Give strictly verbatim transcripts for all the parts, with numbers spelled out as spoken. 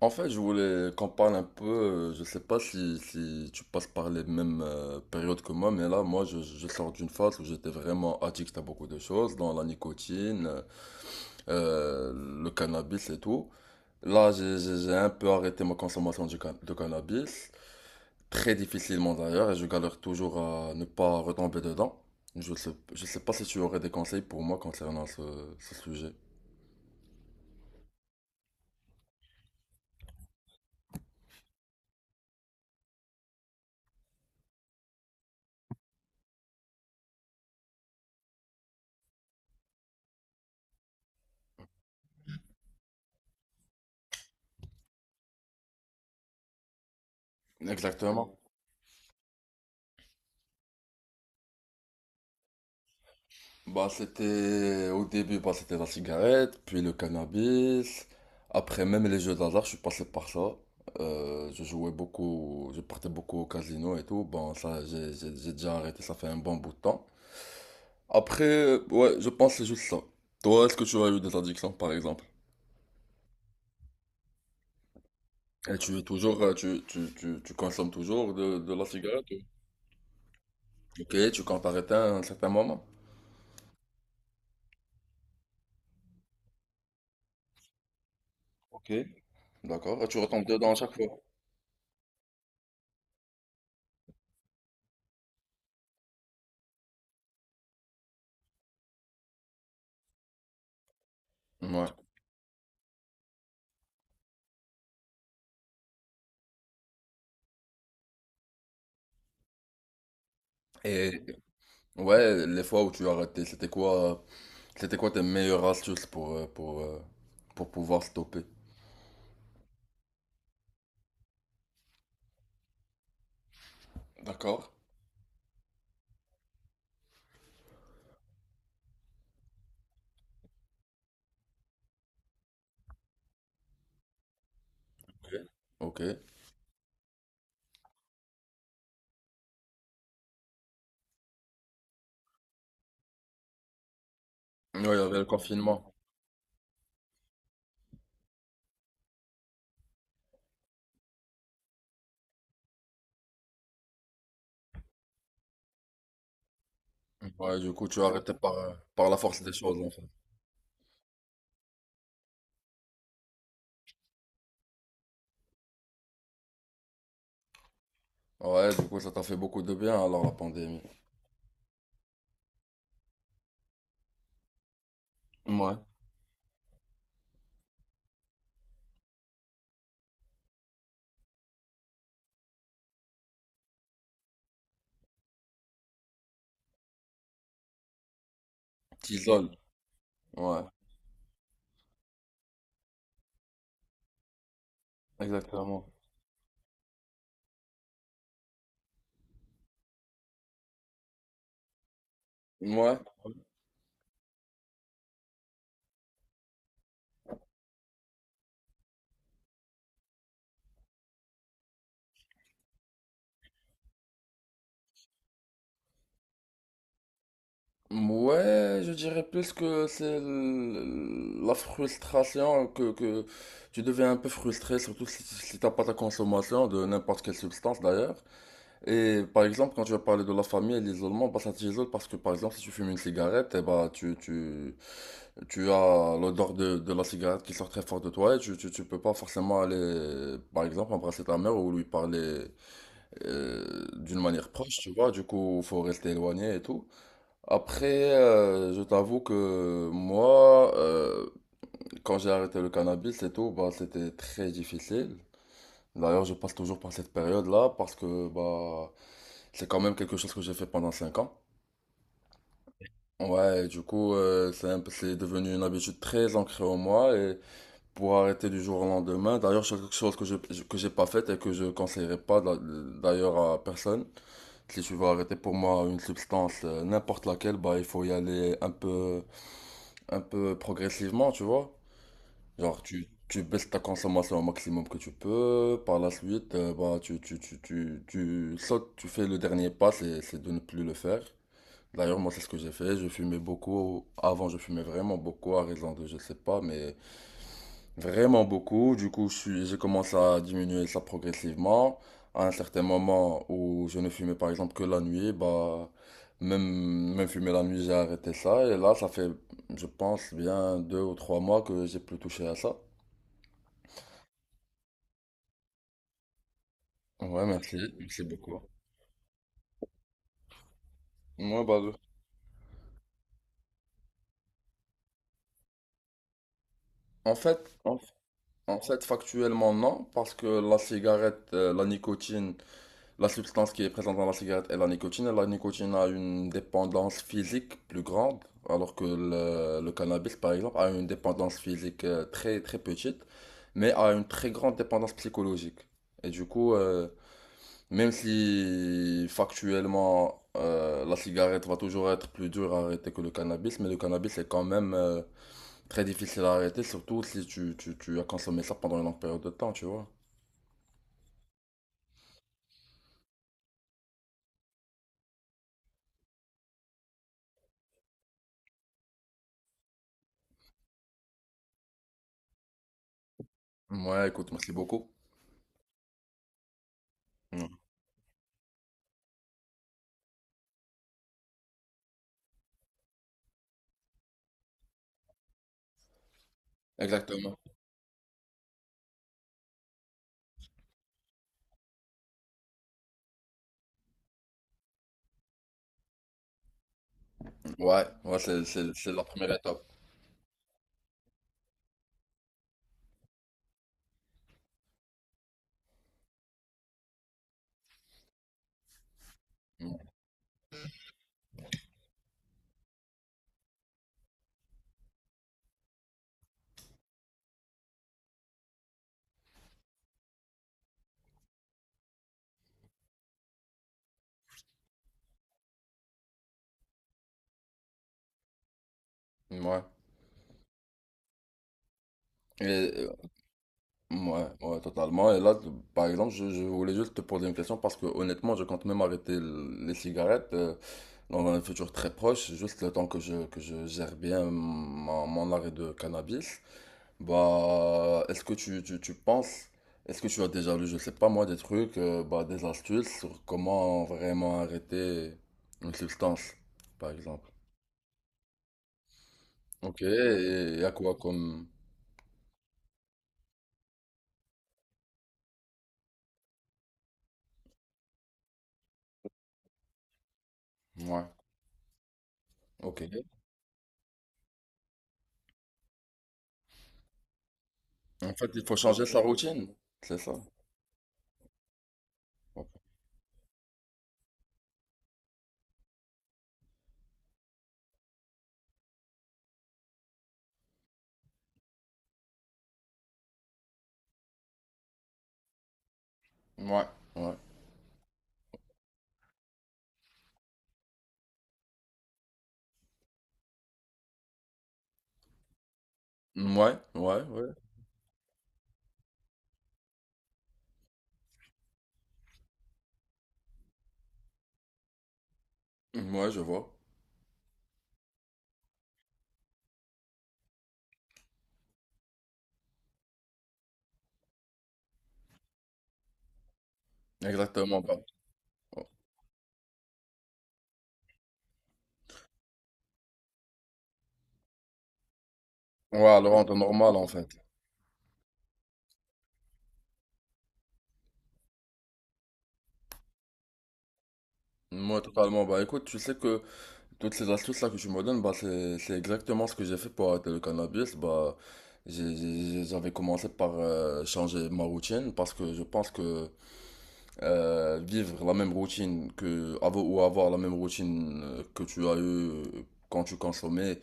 En fait, je voulais qu'on parle un peu, euh, je sais pas si, si tu passes par les mêmes euh, périodes que moi, mais là, moi, je, je sors d'une phase où j'étais vraiment addict à beaucoup de choses, dans la nicotine, euh, le cannabis et tout. Là, j'ai j'ai- j'ai un peu arrêté ma consommation du can- de cannabis, très difficilement d'ailleurs, et je galère toujours à ne pas retomber dedans. Je sais, je sais pas si tu aurais des conseils pour moi concernant ce, ce sujet. Exactement. Bah, c'était au début, bah, c'était la cigarette, puis le cannabis. Après, même les jeux d'hasard, je suis passé par ça. Euh, je jouais beaucoup, je partais beaucoup au casino et tout. Bon, ça, j'ai j'ai- j'ai déjà arrêté, ça fait un bon bout de temps. Après, euh, ouais, je pense que c'est juste ça. Toi, est-ce que tu as eu des addictions, par exemple? Et tu es toujours, euh, tu, tu, tu, tu consommes toujours de, de la cigarette? ou- Ok, tu comptes arrêter à un certain moment? Ok. D'accord, et tu retombes dedans à chaque fois. Ouais. Et Ouais, les fois où tu as raté, c'était quoi, c'était quoi tes meilleures astuces pour, euh, pour, euh, pour pouvoir stopper? D'accord. Ok. Ok, ouais, il y avait le confinement. Ouais, du coup, tu as arrêté par, euh, par la force des choses, en fait. Ouais, du coup, ça t'a fait beaucoup de bien, alors, la pandémie. Ouais. T'isoles. Ouais, exactement. Ouais. Ouais, je dirais plus que c'est l- la frustration, que, que tu deviens un peu frustré, surtout si, si t'as pas ta consommation de n'importe quelle substance, d'ailleurs. Et par exemple, quand tu vas parler de la famille et de l'isolement, bah ça t'isole parce que par exemple, si tu fumes une cigarette, eh bah tu, tu, tu as l'odeur de, de la cigarette qui sort très fort de toi et tu, tu, tu peux pas forcément aller, par exemple, embrasser ta mère ou lui parler euh, d'une manière proche, tu vois. Du coup, faut rester éloigné et tout. Après, euh, je t'avoue que moi, euh, quand j'ai arrêté le cannabis et tout, bah c'était très difficile. D'ailleurs, je passe toujours par cette période-là parce que bah c'est quand même quelque chose que j'ai fait pendant cinq ans. Ouais, et du coup, euh, c'est un peu- c'est devenu une habitude très ancrée en moi et pour arrêter du jour au lendemain, d'ailleurs, c'est quelque chose que je que j'ai pas fait et que je conseillerais pas d'a- d'ailleurs à personne. Si tu veux arrêter pour moi une substance, euh, n'importe laquelle, bah il faut y aller un peu un peu progressivement, tu vois. Genre, tu, tu baisses ta consommation au maximum que tu peux. Par la suite, euh, bah, tu, tu, tu, tu, tu sautes, tu fais le dernier pas, c'est, c'est de ne plus le faire. D'ailleurs, moi, c'est ce que j'ai fait. Je fumais beaucoup. Avant, je fumais vraiment beaucoup, à raison de, je sais pas, mais vraiment beaucoup. Du coup, je suis, j'ai commencé à diminuer ça progressivement. À un certain moment où je ne fumais, par exemple, que la nuit, bah, même, même fumer la nuit, j'ai arrêté ça. Et là, ça fait, je pense, bien deux ou trois mois que j'ai plus touché à ça. Ouais, merci, merci beaucoup. Moi, bah, en fait, en, en fait, factuellement, non, parce que la cigarette, euh, la nicotine, la substance qui est présente dans la cigarette est la nicotine, et la nicotine a une dépendance physique plus grande, alors que le, le cannabis, par exemple, a une dépendance physique euh, très, très petite, mais a une très grande dépendance psychologique. Et du coup, euh, même si factuellement, euh, la cigarette va toujours être plus dure à arrêter que le cannabis, mais le cannabis est quand même... euh, Très difficile à arrêter, surtout si tu, tu, tu as consommé ça pendant une longue période de temps, tu vois. Ouais, écoute, merci beaucoup. Mm. Exactement. Ouais, ouais, c'est, c'est, c'est la première étape. Mm. Ouais. Et, euh, ouais, ouais, totalement. Et là, t- par exemple, je, je voulais juste te poser une question parce que honnêtement, je compte même arrêter l- les cigarettes euh, dans un futur très proche, juste le temps que je, que je gère bien mon, mon arrêt de cannabis. Bah, est-ce que tu, tu, tu penses, est-ce que tu as déjà lu, je sais pas moi, des trucs, euh, bah, des astuces sur comment vraiment arrêter une substance, par exemple? Ok, et il y a quoi comme... Ouais, ok. En fait, il faut changer sa routine, c'est ça? Ok. Ouais, ouais. Ouais, ouais, ouais. Ouais, je vois. Exactement, bah. Ouais, le rendre normal, en fait. Moi, totalement. Bah, écoute, tu sais que toutes ces astuces-là que tu me donnes, bah, c'est, c'est exactement ce que j'ai fait pour arrêter le cannabis. Bah, j'ai- j'ai- j'avais commencé par euh, changer ma routine parce que je pense que euh, vivre la même routine que, avoir, ou avoir la même routine euh, que tu as eu euh, quand tu consommais,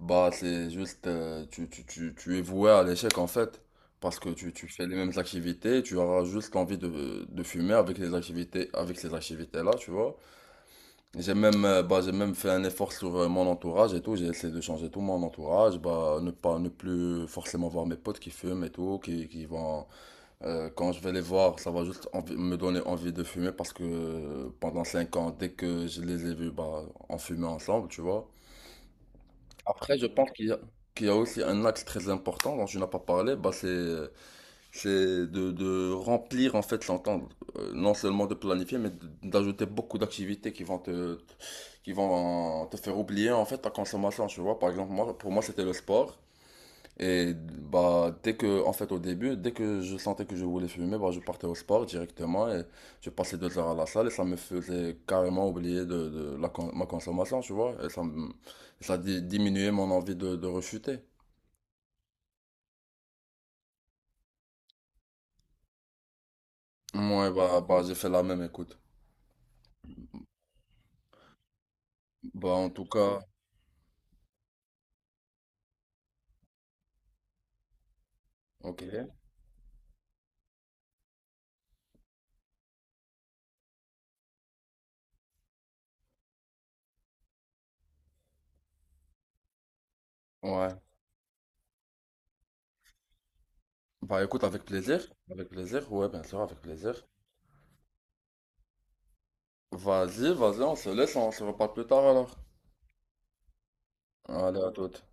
bah, c'est juste, euh, tu, tu, tu, tu es voué à l'échec en fait. Parce que tu, tu fais les mêmes activités, tu auras juste envie de, de fumer avec les activités, avec ces activités-là, tu vois. J'ai même, euh, bah, j'ai même fait un effort sur euh, mon entourage et tout. J'ai essayé de changer tout mon entourage. Bah, ne pas, ne plus forcément voir mes potes qui fument et tout, qui, qui vont, euh, quand je vais les voir, ça va juste envi- me donner envie de fumer parce que euh, pendant cinq ans, dès que je les ai vus, bah, on fumait ensemble, tu vois. Après, je pense qu'il y a, qu'il y a aussi un axe très important dont tu n'as pas parlé, bah, c'est c'est de, de remplir en fait son euh, non seulement de planifier, mais de- d'ajouter beaucoup d'activités qui vont te, te- qui vont te faire oublier en fait ta consommation, tu vois. Par exemple, moi, pour moi, c'était le sport. Et bah, dès que, en fait, au début, dès que je sentais que je voulais fumer, bah, je partais au sport directement et je passais deux heures à la salle et ça me faisait carrément oublier de, de la, con- ma consommation, tu vois. Et ça, me- ça di- diminuait mon envie de, de rechuter. Ouais, bah, bah, j'ai fait la même, écoute. Bah, en tout cas, ok. Ouais. Bah écoute, avec plaisir. Avec plaisir, ouais, bien sûr, avec plaisir. Vas-y, vas-y, on se laisse, on se reparle plus tard alors. Allez, à toute.